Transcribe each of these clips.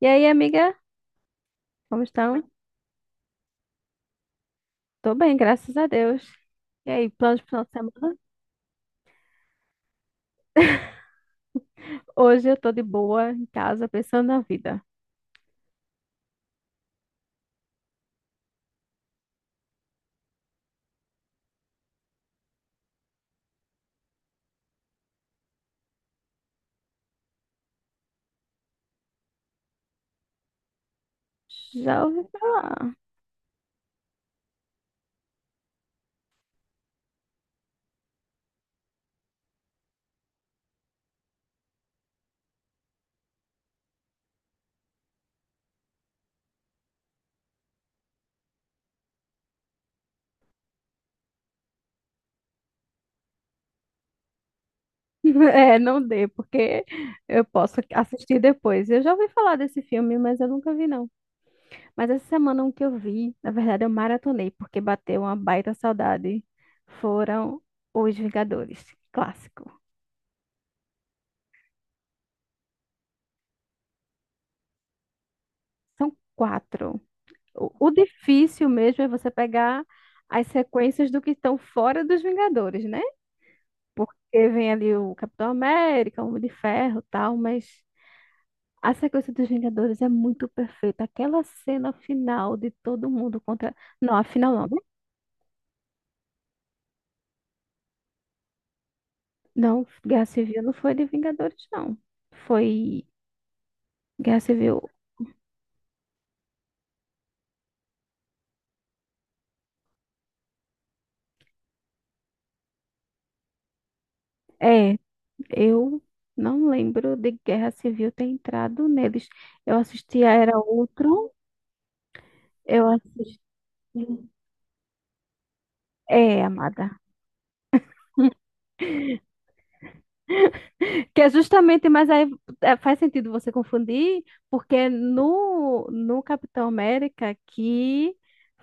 E aí, amiga? Como estão? Tô bem, graças a Deus. E aí, planos pro final de semana? Hoje eu tô de boa em casa, pensando na vida. Já ouvi falar. É, não dê, porque eu posso assistir depois. Eu já ouvi falar desse filme, mas eu nunca vi, não. Mas essa semana um que eu vi, na verdade eu maratonei, porque bateu uma baita saudade. Foram Os Vingadores, clássico. São quatro. O difícil mesmo é você pegar as sequências do que estão fora dos Vingadores, né? Porque vem ali o Capitão América, o Homem de Ferro, tal, mas a sequência dos Vingadores é muito perfeita. Aquela cena final de todo mundo contra. Não, a final não, né? Não, Guerra Civil não foi de Vingadores, não. Foi Guerra Civil. É, eu não lembro de Guerra Civil ter entrado neles. Eu assisti a Era Ultron, eu assisti. É, amada. Que é justamente, mas aí é, faz sentido você confundir, porque é no Capitão América que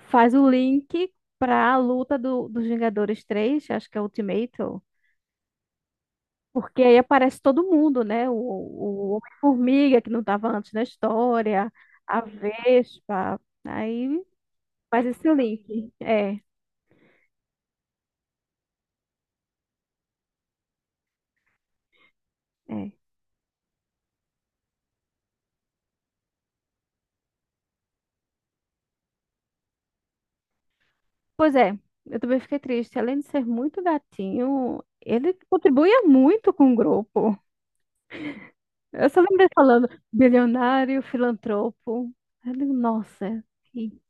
faz o link para a luta do, dos Vingadores 3 acho que é Ultimato, porque aí aparece todo mundo, né? O Homem-Formiga, que não estava antes na história, a Vespa, aí faz esse link. É, é. Pois é, eu também fiquei triste. Além de ser muito gatinho, ele contribuía muito com o grupo. Eu só lembrei falando bilionário, filantropo. Eu digo, nossa. que-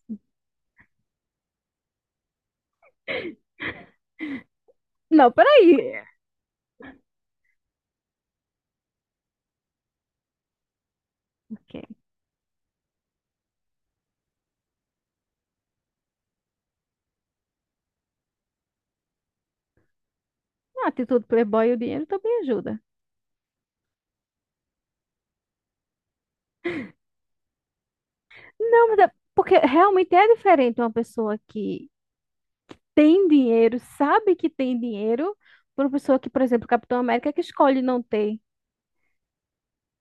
Não, peraí. Ok. A atitude playboy e o dinheiro também ajuda. Não, mas é porque realmente é diferente uma pessoa que tem dinheiro, sabe que tem dinheiro, por uma pessoa que, por exemplo, Capitão América, que escolhe não ter.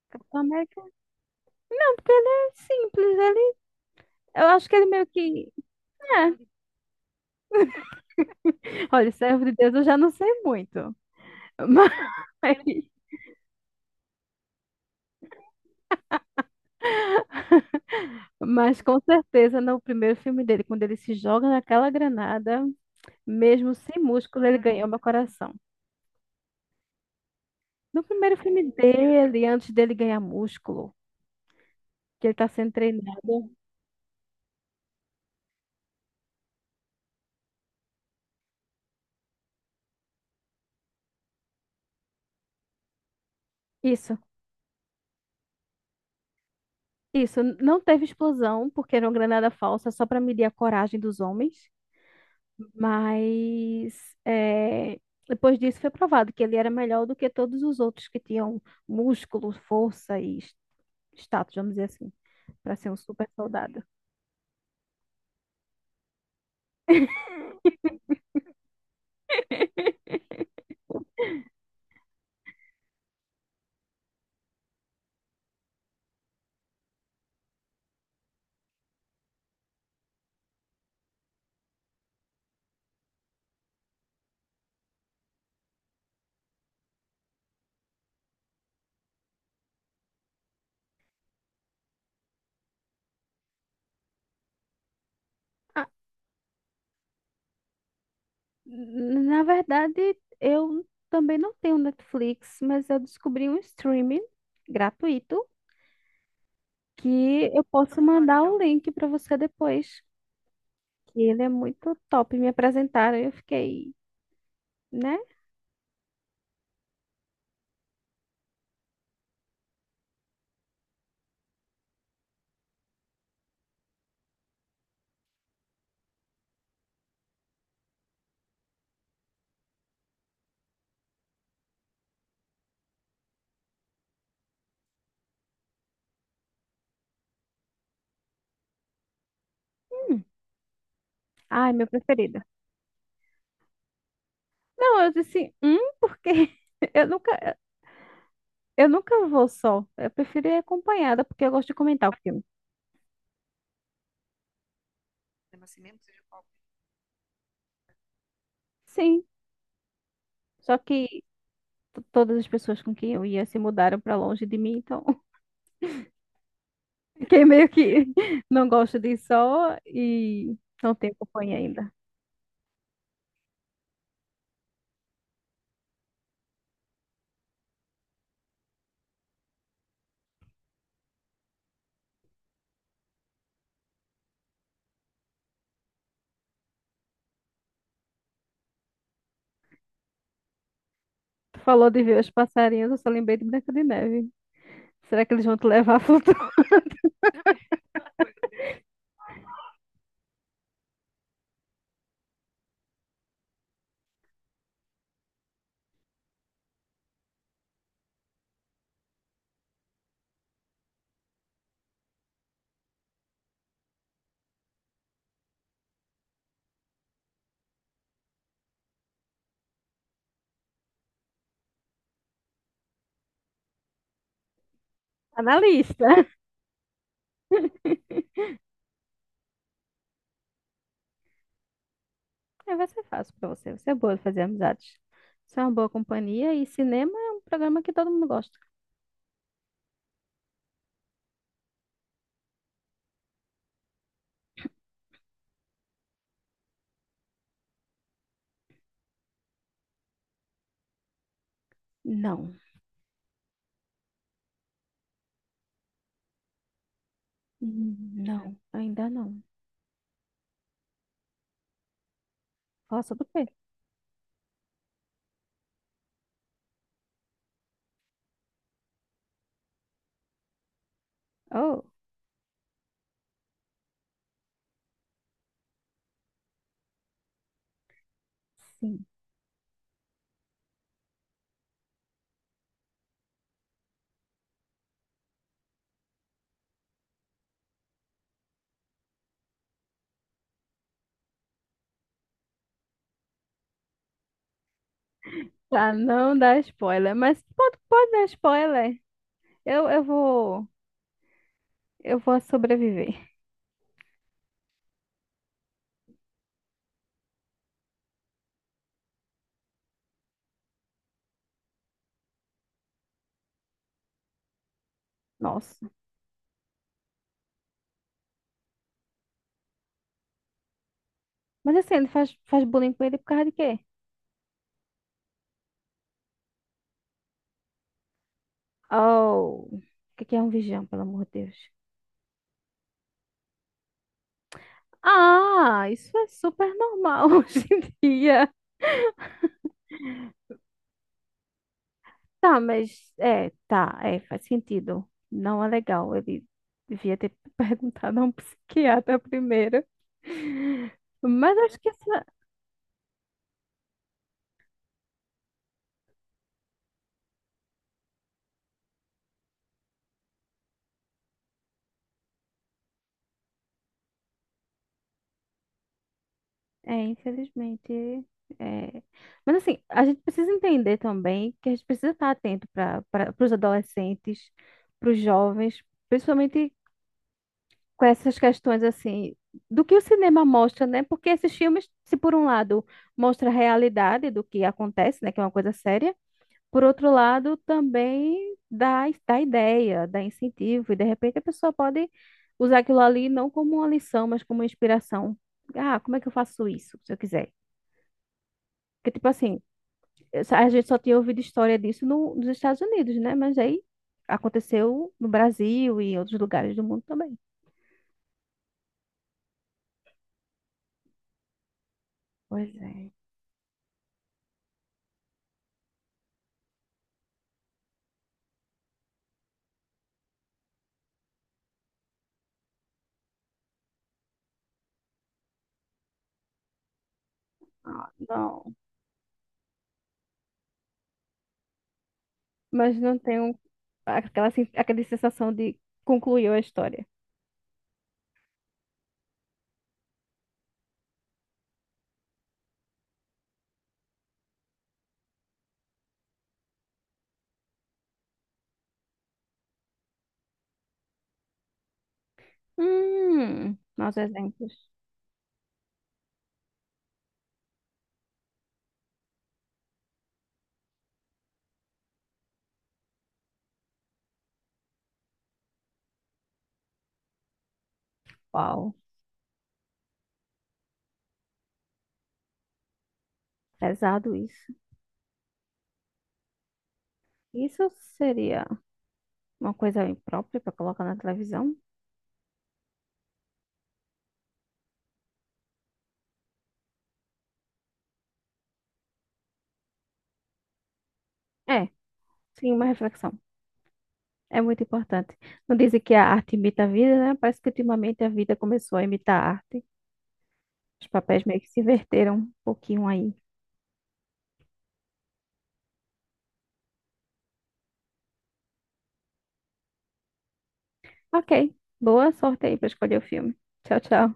Capitão América, não, porque ele é simples. Ele, eu acho que ele meio que. É. Olha, servo de Deus, eu já não sei muito. Mas. Mas com certeza no primeiro filme dele, quando ele se joga naquela granada, mesmo sem músculo, ele ganhou meu coração. No primeiro filme dele, antes dele ganhar músculo, que ele está sendo treinado. Isso, isso. Não teve explosão, porque era uma granada falsa, só para medir a coragem dos homens. Mas é, depois disso foi provado que ele era melhor do que todos os outros que tinham músculo, força e status, vamos dizer assim, para ser um super soldado. Na verdade, eu também não tenho Netflix, mas eu descobri um streaming gratuito que eu posso mandar o link para você depois. Que Ele é muito top. Me apresentaram e eu fiquei, né? Hum, ai, meu preferido. Não, eu disse, porque eu nunca, eu nunca vou só. Eu prefiro ir acompanhada, porque eu gosto de comentar o filme. Assim Sim, só que todas as pessoas com quem eu ia se mudaram para longe de mim, então fiquei meio que não gosto de sol e não tenho companhia ainda. Tu falou de ver os passarinhos, eu só lembrei de Branca de Neve. Será que eles vão te levar a futuro? Tá na lista. É, vai ser fácil pra você. Você é boa de fazer amizades. Você é uma boa companhia e cinema é um programa que todo mundo gosta. Não. Hum, não, ainda não. Fala sobre o quê? Oh, sim. Pra não dar spoiler, mas pode, pode dar spoiler. Eu, eu vou, eu vou sobreviver. Nossa. Mas assim, ele faz bullying com ele por causa de quê? Oh, o que que é um vigião, pelo amor de Deus? Ah, isso é super normal hoje em dia. Tá, mas é, tá, é, faz sentido. Não é legal. Ele devia ter perguntado a um psiquiatra primeiro. Mas eu acho que isso é, infelizmente, é. Mas assim, a gente precisa entender também que a gente precisa estar atento para os adolescentes, para os jovens, principalmente com essas questões assim do que o cinema mostra, né? Porque esses filmes, se por um lado mostra a realidade do que acontece, né, que é uma coisa séria, por outro lado também dá, dá ideia, dá incentivo e de repente a pessoa pode usar aquilo ali não como uma lição, mas como uma inspiração. Ah, como é que eu faço isso, se eu quiser? Porque tipo assim, a gente só tinha ouvido história disso no, nos Estados Unidos, né? Mas aí aconteceu no Brasil e em outros lugares do mundo também. Pois é. Ah, não. Mas não tenho aquela sensação de concluiu a história. Maus exemplos. Uau, pesado isso. Isso seria uma coisa imprópria para colocar na televisão? É, sim, uma reflexão. É muito importante. Não dizem que a arte imita a vida, né? Parece que ultimamente a vida começou a imitar a arte. Os papéis meio que se inverteram um pouquinho aí. Ok, boa sorte aí para escolher o filme. Tchau, tchau.